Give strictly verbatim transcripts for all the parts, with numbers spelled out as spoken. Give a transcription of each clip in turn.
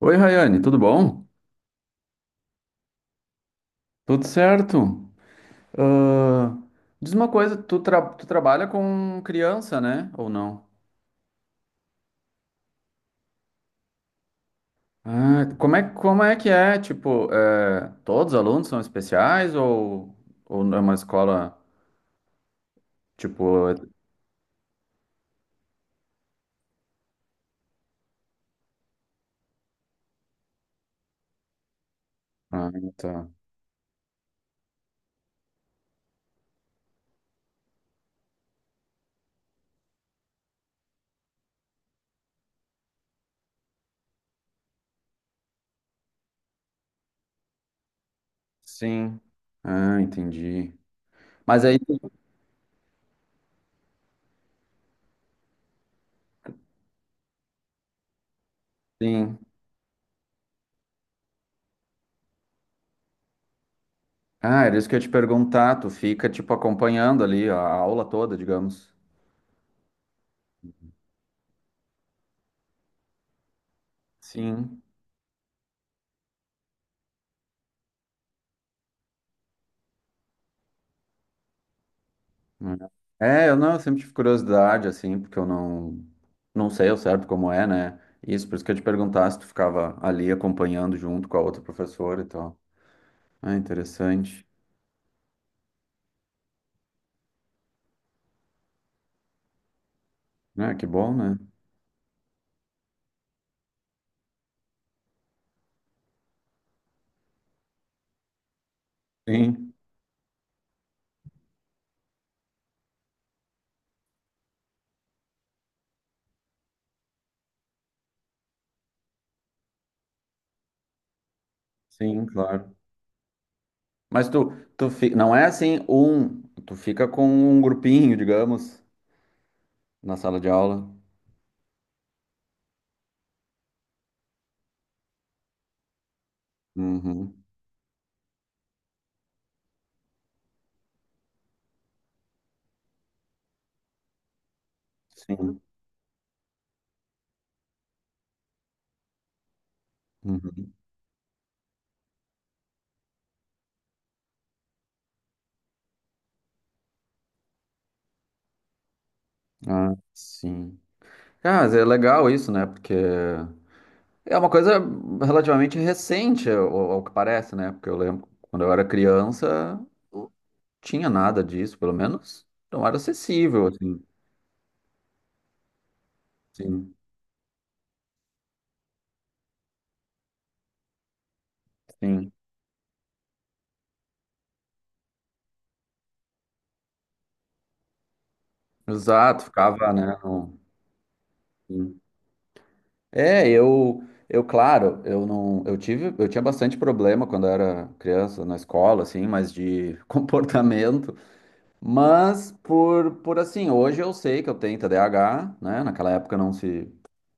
Oi, Rayane, tudo bom? Tudo certo? Ah, Diz uma coisa, tu, tra- tu trabalha com criança, né? Ou não? Ah, como é, como é que é? Tipo, é, todos os alunos são especiais ou, ou é uma escola, tipo... é- Ah, tá. Sim. Ah, entendi. Mas aí, sim. Ah, era isso que eu ia te perguntar. Tu fica, tipo, acompanhando ali a aula toda, digamos. Sim. É, é, eu não, Eu sempre tive curiosidade, assim, porque eu não, não sei ao certo como é, né? Isso, por isso que eu te perguntar se tu ficava ali acompanhando junto com a outra professora e tal. Ah, interessante. Ah, que bom, né? Sim, sim, claro. Mas tu, tu fi... não é assim um, tu fica com um grupinho, digamos, na sala de aula. Uhum, sim. Uhum. Ah, sim. Ah, mas é legal isso, né? Porque é uma coisa relativamente recente, ao, ao que parece, né? Porque eu lembro quando eu era criança, não tinha nada disso, pelo menos não era acessível, assim. Sim, sim. Exato, ficava, né? no- sim. É, eu, eu, claro, eu não, eu tive, eu tinha bastante problema quando eu era criança na escola, assim, mas de comportamento. Mas por, por assim, hoje eu sei que eu tenho T D A H, né? Naquela época não se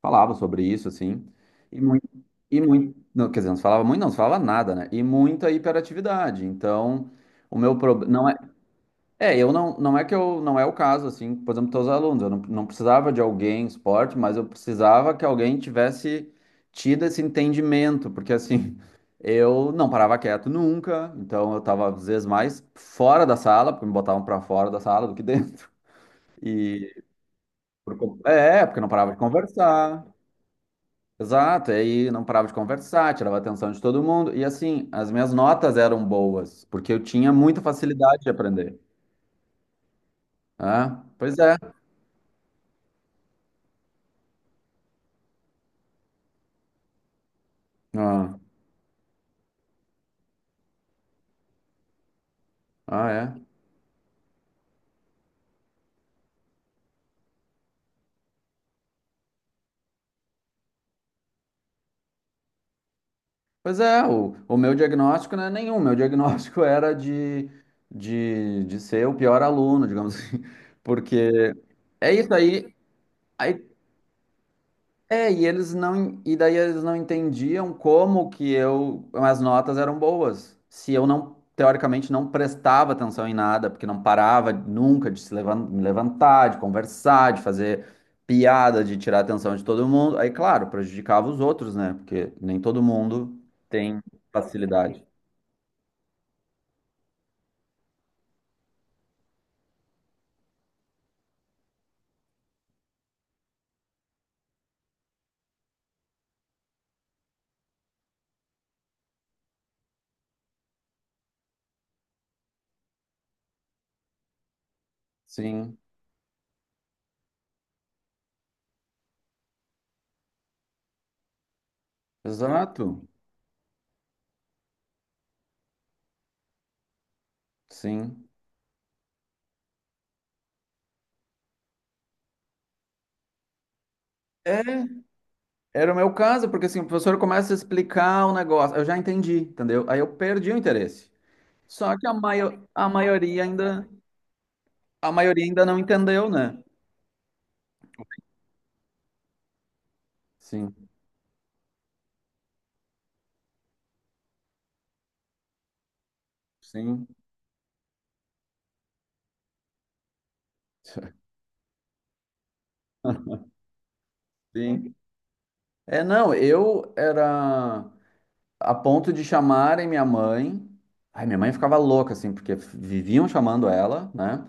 falava sobre isso, assim. E muito, e muito, não, quer dizer, não se falava muito, não se falava nada, né? E muita hiperatividade. Então, o meu problema é, eu não, não é que eu, não é o caso, assim, por exemplo, teus alunos, eu não, não precisava de alguém em esporte, mas eu precisava que alguém tivesse tido esse entendimento, porque assim, eu não parava quieto nunca, então eu tava às vezes mais fora da sala, porque me botavam pra fora da sala do que dentro, e por co- é, porque eu não parava de conversar, exato, e aí não parava de conversar, tirava a atenção de todo mundo, e assim, as minhas notas eram boas, porque eu tinha muita facilidade de aprender, né? Pois é. Ah. Ah, é? Pois é, o, o meu diagnóstico não é nenhum. Meu diagnóstico era de, de, de ser o pior aluno, digamos assim. Porque é isso aí. Aí é, e eles não, e daí eles não entendiam como que eu, as notas eram boas. Se eu não, teoricamente, não prestava atenção em nada, porque não parava nunca de se levan- me levantar, de conversar, de fazer piada, de tirar a atenção de todo mundo. Aí, claro, prejudicava os outros, né? Porque nem todo mundo tem facilidade. Sim, exato. Sim. É, era o meu caso, porque assim, o professor começa a explicar o negócio, eu já entendi, entendeu? Aí eu perdi o interesse. Só que a, maio- a maioria ainda, a maioria ainda não entendeu, né? Sim, sim, sim. É, não, eu era a ponto de chamarem minha mãe. Ai, minha mãe ficava louca, assim, porque viviam chamando ela, né?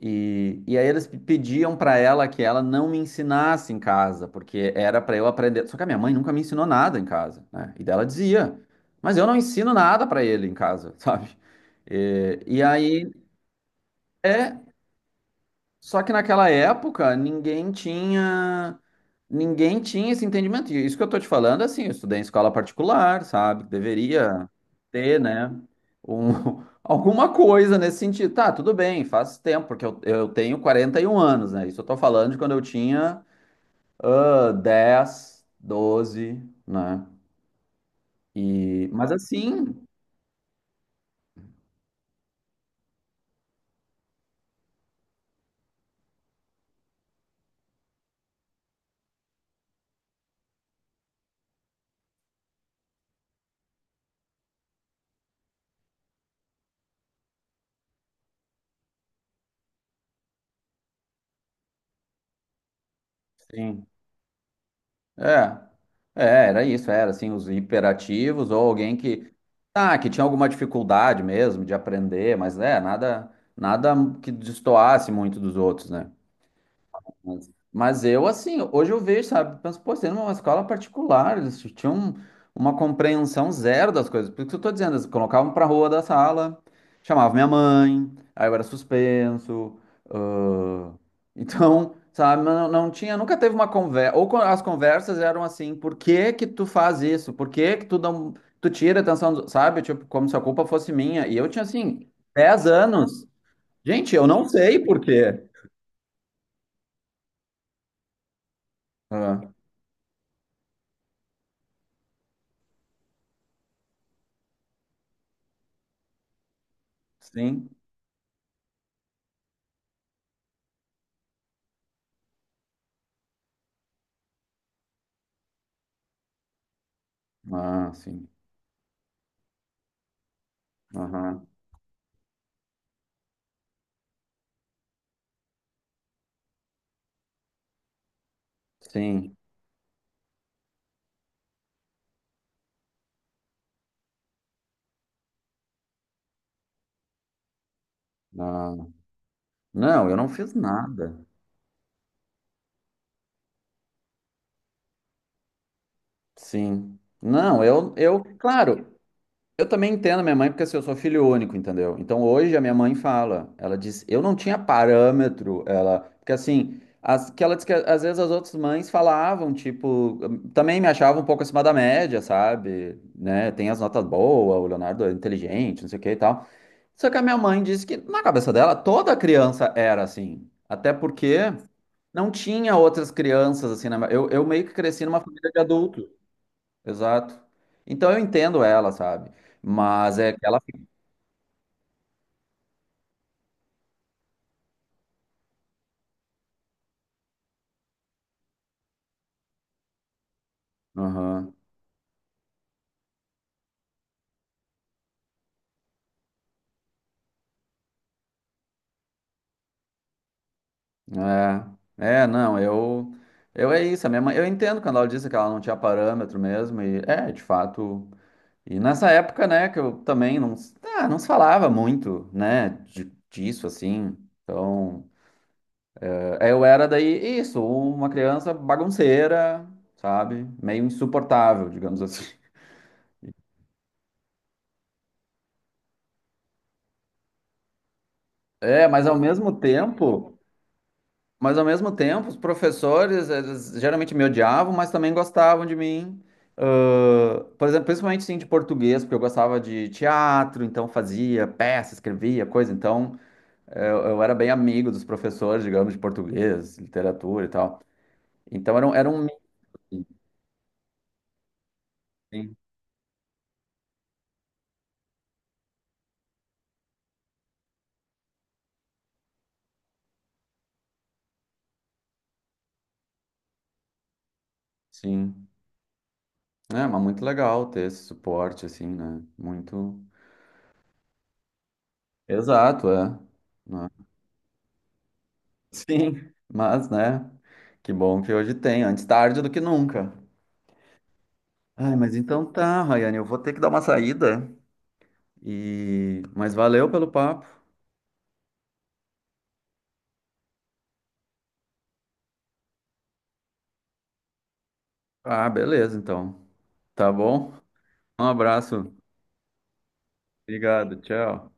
E, e aí eles pe- pediam pra ela que ela não me ensinasse em casa, porque era pra eu aprender. Só que a minha mãe nunca me ensinou nada em casa, né? E daí ela dizia, mas eu não ensino nada pra ele em casa, sabe? E, e aí, é, só que naquela época ninguém tinha, ninguém tinha esse entendimento. E isso que eu tô te falando, assim, eu estudei em escola particular, sabe? Deveria ter, né? Um, alguma coisa nesse sentido. Tá, tudo bem, faz tempo, porque eu, eu tenho quarenta e um anos, né? Isso eu tô falando de quando eu tinha ah, dez, doze, né? E, mas assim, sim. É, é, era isso, era assim, os hiperativos ou alguém que, ah, que tinha alguma dificuldade mesmo de aprender, mas é, nada, nada que destoasse muito dos outros, né? Mas, mas eu, assim, hoje eu vejo, sabe? Penso, pô, sendo uma escola particular, eles ti- tinham uma compreensão zero das coisas. Por isso que eu tô dizendo, eles colocavam pra rua da sala, chamavam minha mãe, aí eu era suspenso. ãh, Então, sabe, não, não tinha, nunca teve uma conversa. Ou co- as conversas eram assim, por que que tu faz isso? Por que que tu não, tu tira a atenção, do- sabe? Tipo, como se a culpa fosse minha. E eu tinha, assim, dez anos. Gente, eu não sei por quê. Ah, sim. Ah, sim. Aham. Sim. Ah. Não, eu não fiz nada. Sim. Não, eu, eu, claro, eu também entendo a minha mãe porque assim, eu sou filho único, entendeu? Então hoje a minha mãe fala, ela diz, eu não tinha parâmetro, ela, porque assim, as, que ela diz que às vezes as outras mães falavam, tipo, também me achavam um pouco acima da média, sabe? Né? Tem as notas boas, o Leonardo é inteligente, não sei o que e tal. Só que a minha mãe disse que na cabeça dela toda criança era assim, até porque não tinha outras crianças, assim, na... eu, eu meio que cresci numa família de adulto, exato. Então eu entendo ela, sabe? Mas é que ela. Aham. É, é, não, eu. Eu é isso, a minha mãe. Eu entendo quando ela disse que ela não tinha parâmetro mesmo, e é, de fato. E nessa época, né, que eu também não, s- ah, não se falava muito, né, de- disso, assim. Então, é, eu era daí, isso, uma criança bagunceira, sabe? Meio insuportável, digamos assim. É, mas ao mesmo tempo, mas ao mesmo tempo, os professores, eles geralmente me odiavam, mas também gostavam de mim. Ãh, por exemplo, principalmente sim de português, porque eu gostava de teatro, então fazia peça, escrevia coisa, então eu, eu era bem amigo dos professores, digamos, de português, literatura e tal. Então era um, era um mix, sim, sim. É, mas muito legal ter esse suporte, assim, né? Muito. Exato, é. Né? Sim, mas né? Que bom que hoje tem, antes tarde do que nunca. Ai, mas então tá, Rayane, eu vou ter que dar uma saída e mas valeu pelo papo. Ah, beleza, então. Tá bom? Um abraço. Obrigado, tchau.